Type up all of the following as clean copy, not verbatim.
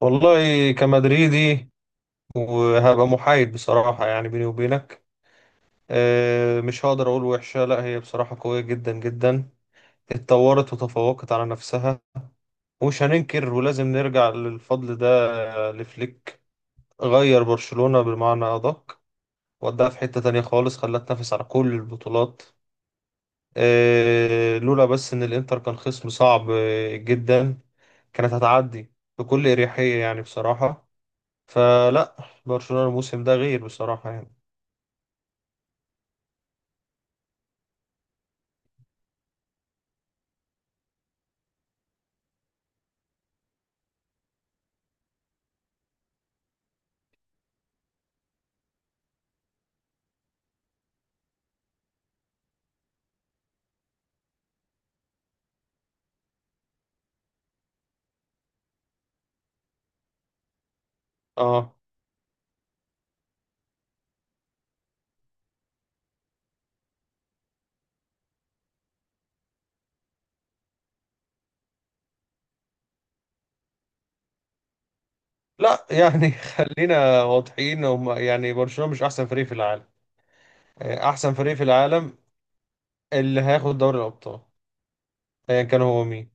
والله كمدريدي وهبقى محايد بصراحة، يعني بيني وبينك مش هقدر أقول وحشة. لا، هي بصراحة قوية جدا جدا، اتطورت وتفوقت على نفسها، ومش هننكر ولازم نرجع للفضل ده، لفليك، غير برشلونة بالمعنى أدق، وداها في حتة تانية خالص، خلاها تنافس على كل البطولات. لولا بس إن الإنتر كان خصم صعب جدا، كانت هتعدي بكل أريحية يعني بصراحة. فلا، برشلونة الموسم ده غير بصراحة يعني. اه. لا يعني خلينا واضحين، هم يعني برشلونة مش احسن فريق في العالم. احسن فريق في العالم اللي هياخد دوري الابطال، ايا كان هو مين.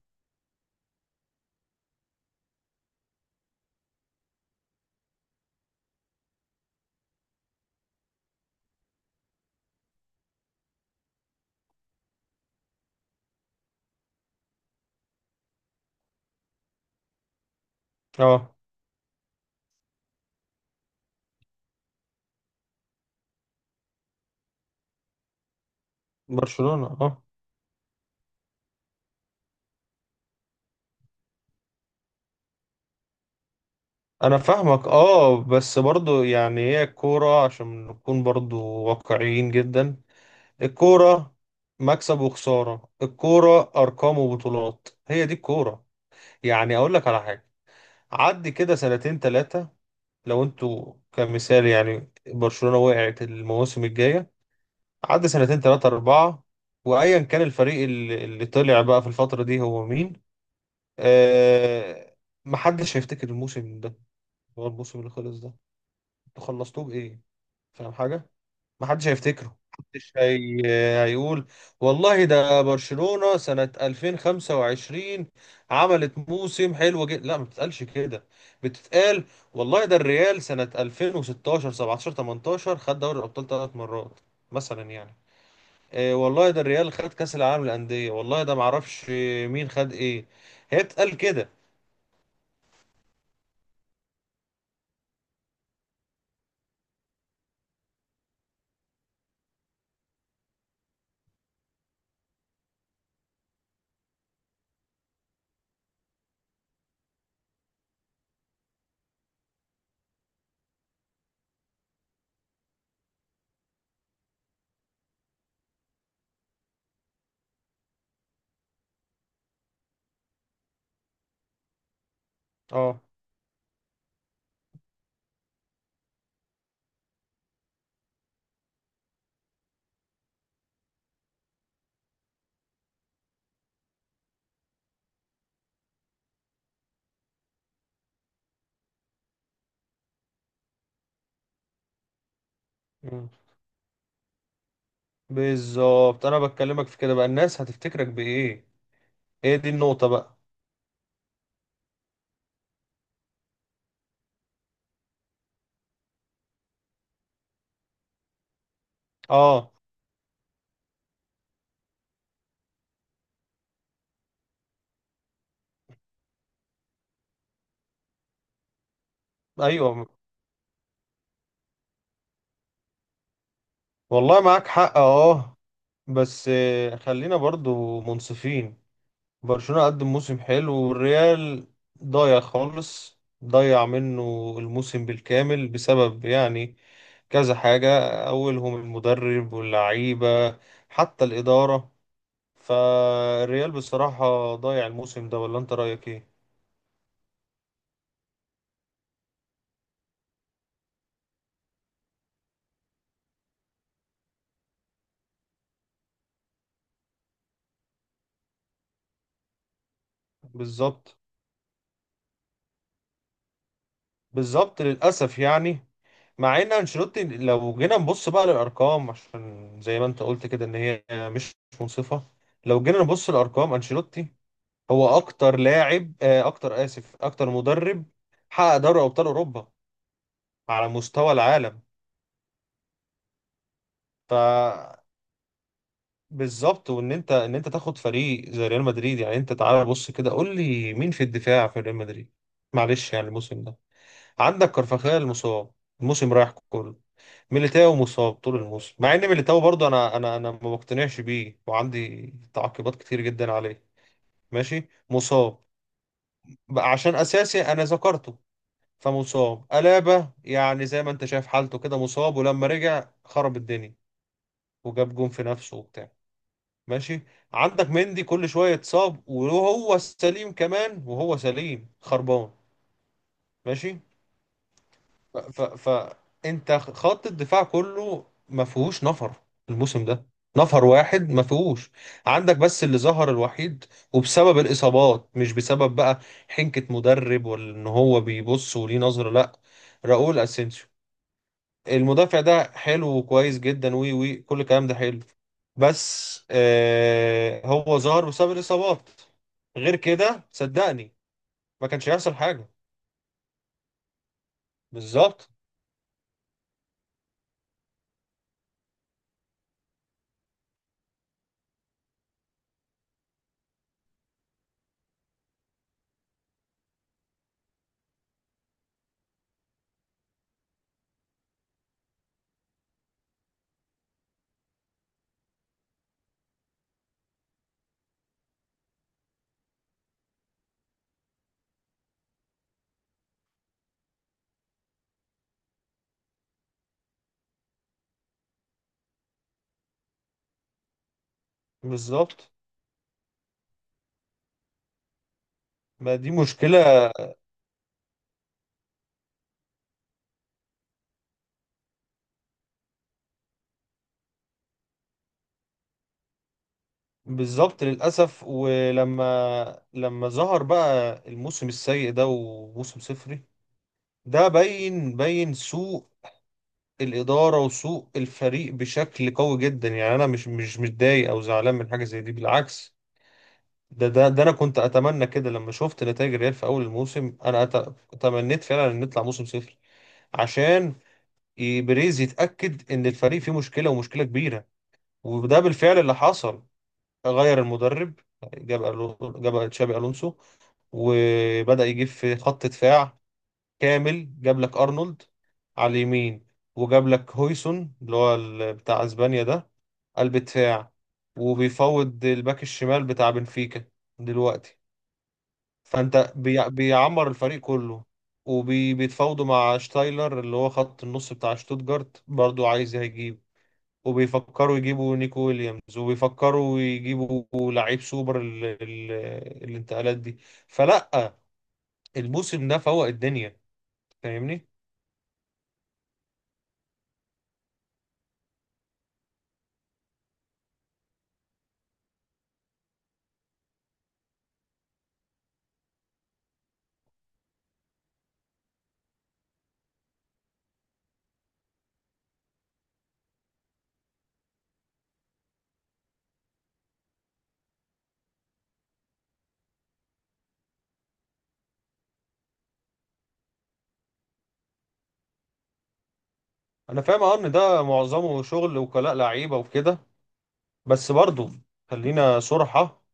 اه، برشلونة، اه. انا فاهمك، اه، بس برضو يعني هي الكورة، عشان نكون برضو واقعيين جدا، الكورة مكسب وخسارة، الكورة ارقام وبطولات، هي دي الكورة. يعني اقول لك على حاجة، عدي كده سنتين ثلاثة، لو انتوا كمثال يعني برشلونة وقعت المواسم الجاية، عدى سنتين تلاتة أربعة، وأيا كان الفريق اللي طلع بقى في الفترة دي هو مين، آه محدش هيفتكر الموسم ده. هو الموسم اللي خلص ده انتوا خلصتوه بإيه؟ فاهم حاجة؟ محدش هيفتكره، هيقول والله ده برشلونة سنة 2025 عملت موسم حلو جدا. لا، ما بتتقالش كده، بتتقال والله ده الريال سنة 2016 17 18 خد دوري الأبطال ثلاث مرات مثلا يعني. إيه، والله ده الريال خد كأس العالم للأندية، والله ده معرفش مين خد إيه، هي بتتقال كده. اه. مم. بالظبط، أنا بكلمك في كده بقى، الناس هتفتكرك بإيه، هي دي النقطة بقى. اه، ايوه، والله معاك حق، اه. بس خلينا برضو منصفين، برشلونة قدم موسم حلو، والريال ضايع خالص، ضيع منه الموسم بالكامل بسبب يعني كذا حاجة، أولهم المدرب واللعيبة، حتى الإدارة. فالريال بصراحة ضايع الموسم ده، ولا أنت رأيك إيه؟ بالظبط. بالظبط للأسف يعني، مع ان انشيلوتي لو جينا نبص بقى للارقام، عشان زي ما انت قلت كده ان هي مش منصفه، لو جينا نبص للارقام انشيلوتي هو اكتر لاعب، اكتر اسف اكتر مدرب حقق دوري ابطال اوروبا على مستوى العالم. ف بالظبط، وان انت تاخد فريق زي ريال مدريد، يعني انت تعالى بص كده قول لي مين في الدفاع في ريال مدريد، معلش يعني الموسم ده. عندك كارفاخال مصاب الموسم رايح كله، ميليتاو مصاب طول الموسم، مع ان ميليتاو برضه انا ما بقتنعش بيه وعندي تعقيبات كتير جدا عليه. ماشي، مصاب بقى عشان اساسي انا ذكرته، فمصاب. الابا يعني زي ما انت شايف حالته كده مصاب، ولما رجع خرب الدنيا وجاب جون في نفسه وبتاع. ماشي. عندك مندي كل شويه اتصاب وهو سليم، كمان وهو سليم خربان. ماشي. ف... ف... ف... انت خط الدفاع كله ما فيهوش نفر الموسم ده، نفر واحد ما فيهوش، عندك بس اللي ظهر الوحيد وبسبب الإصابات، مش بسبب بقى حنكة مدرب ولا ان هو بيبص وليه نظرة، لا، راؤول اسينسيو المدافع ده حلو وكويس جدا، وي كل الكلام ده حلو، بس آه هو ظهر بسبب الإصابات، غير كده صدقني ما كانش هيحصل حاجة. بالظبط. بالظبط، ما دي مشكلة. بالظبط للأسف، ولما ظهر بقى الموسم السيء ده وموسم صفري، ده باين باين سوء الإدارة وسوء الفريق بشكل قوي جدا، يعني أنا مش متضايق أو زعلان من حاجة زي دي، بالعكس. ده أنا كنت أتمنى كده، لما شفت نتائج الريال في أول الموسم أنا تمنيت فعلا إن نطلع موسم صفر، عشان بريز يتأكد إن الفريق فيه مشكلة ومشكلة كبيرة، وده بالفعل اللي حصل، غير المدرب، جاب تشابي الونسو، وبدأ يجيب في خط دفاع كامل، جاب لك ارنولد على اليمين، وجاب لك هويسون اللي هو بتاع اسبانيا ده، قلب دفاع. وبيفوض الباك الشمال بتاع بنفيكا دلوقتي. فانت بيعمر الفريق كله، وبيتفاوضوا مع شتايلر اللي هو خط النص بتاع شتوتجارت، برضو عايز هيجيب، وبيفكروا يجيبوا نيكو ويليامز، وبيفكروا يجيبوا لعيب سوبر الانتقالات دي. فلا، الموسم ده فوق الدنيا، فاهمني. انا فاهم، اه، ان ده معظمه شغل وكلاء لعيبه وكده، بس برضه خلينا صراحه،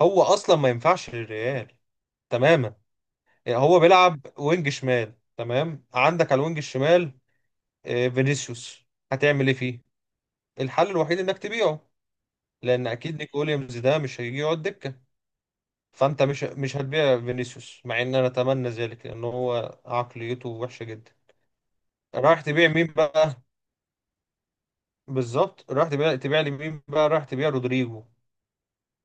هو اصلا ما ينفعش للريال تماما. يعني هو بيلعب وينج شمال، تمام، عندك على الوينج الشمال فينيسيوس، هتعمل ايه فيه؟ الحل الوحيد انك تبيعه، لان اكيد نيكو ويليامز ده مش هيجي يقعد دكه، فانت مش هتبيع فينيسيوس، مع ان انا اتمنى ذلك لان هو عقليته وحشه جدا، رايح تبيع مين بقى؟ بالظبط، رايح تبيع لي مين بقى، رايح تبيع رودريجو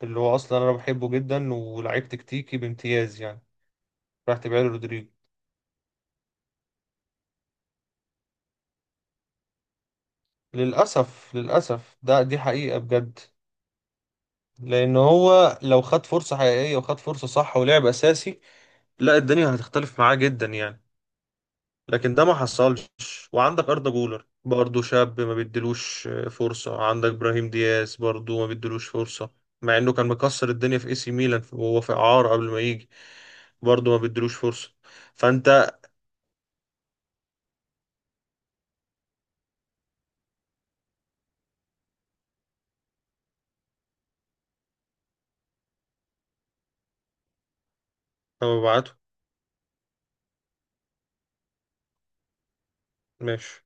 اللي هو اصلا انا بحبه جدا، ولاعيب تكتيكي بامتياز يعني، رايح تبيع لي رودريجو؟ للاسف للاسف ده دي حقيقه بجد، لان هو لو خد فرصه حقيقيه وخد فرصه صح ولعب اساسي، لا الدنيا هتختلف معاه جدا يعني، لكن ده ما حصلش. وعندك أردا جولر برضه شاب ما بيديلوش فرصة، عندك إبراهيم دياز برضه ما بيديلوش فرصة، مع إنه كان مكسر الدنيا في AC ميلان وهو في إعارة قبل ما يجي، برضه ما بيديلوش فرصة. فأنت أنا ببعته. ماشي.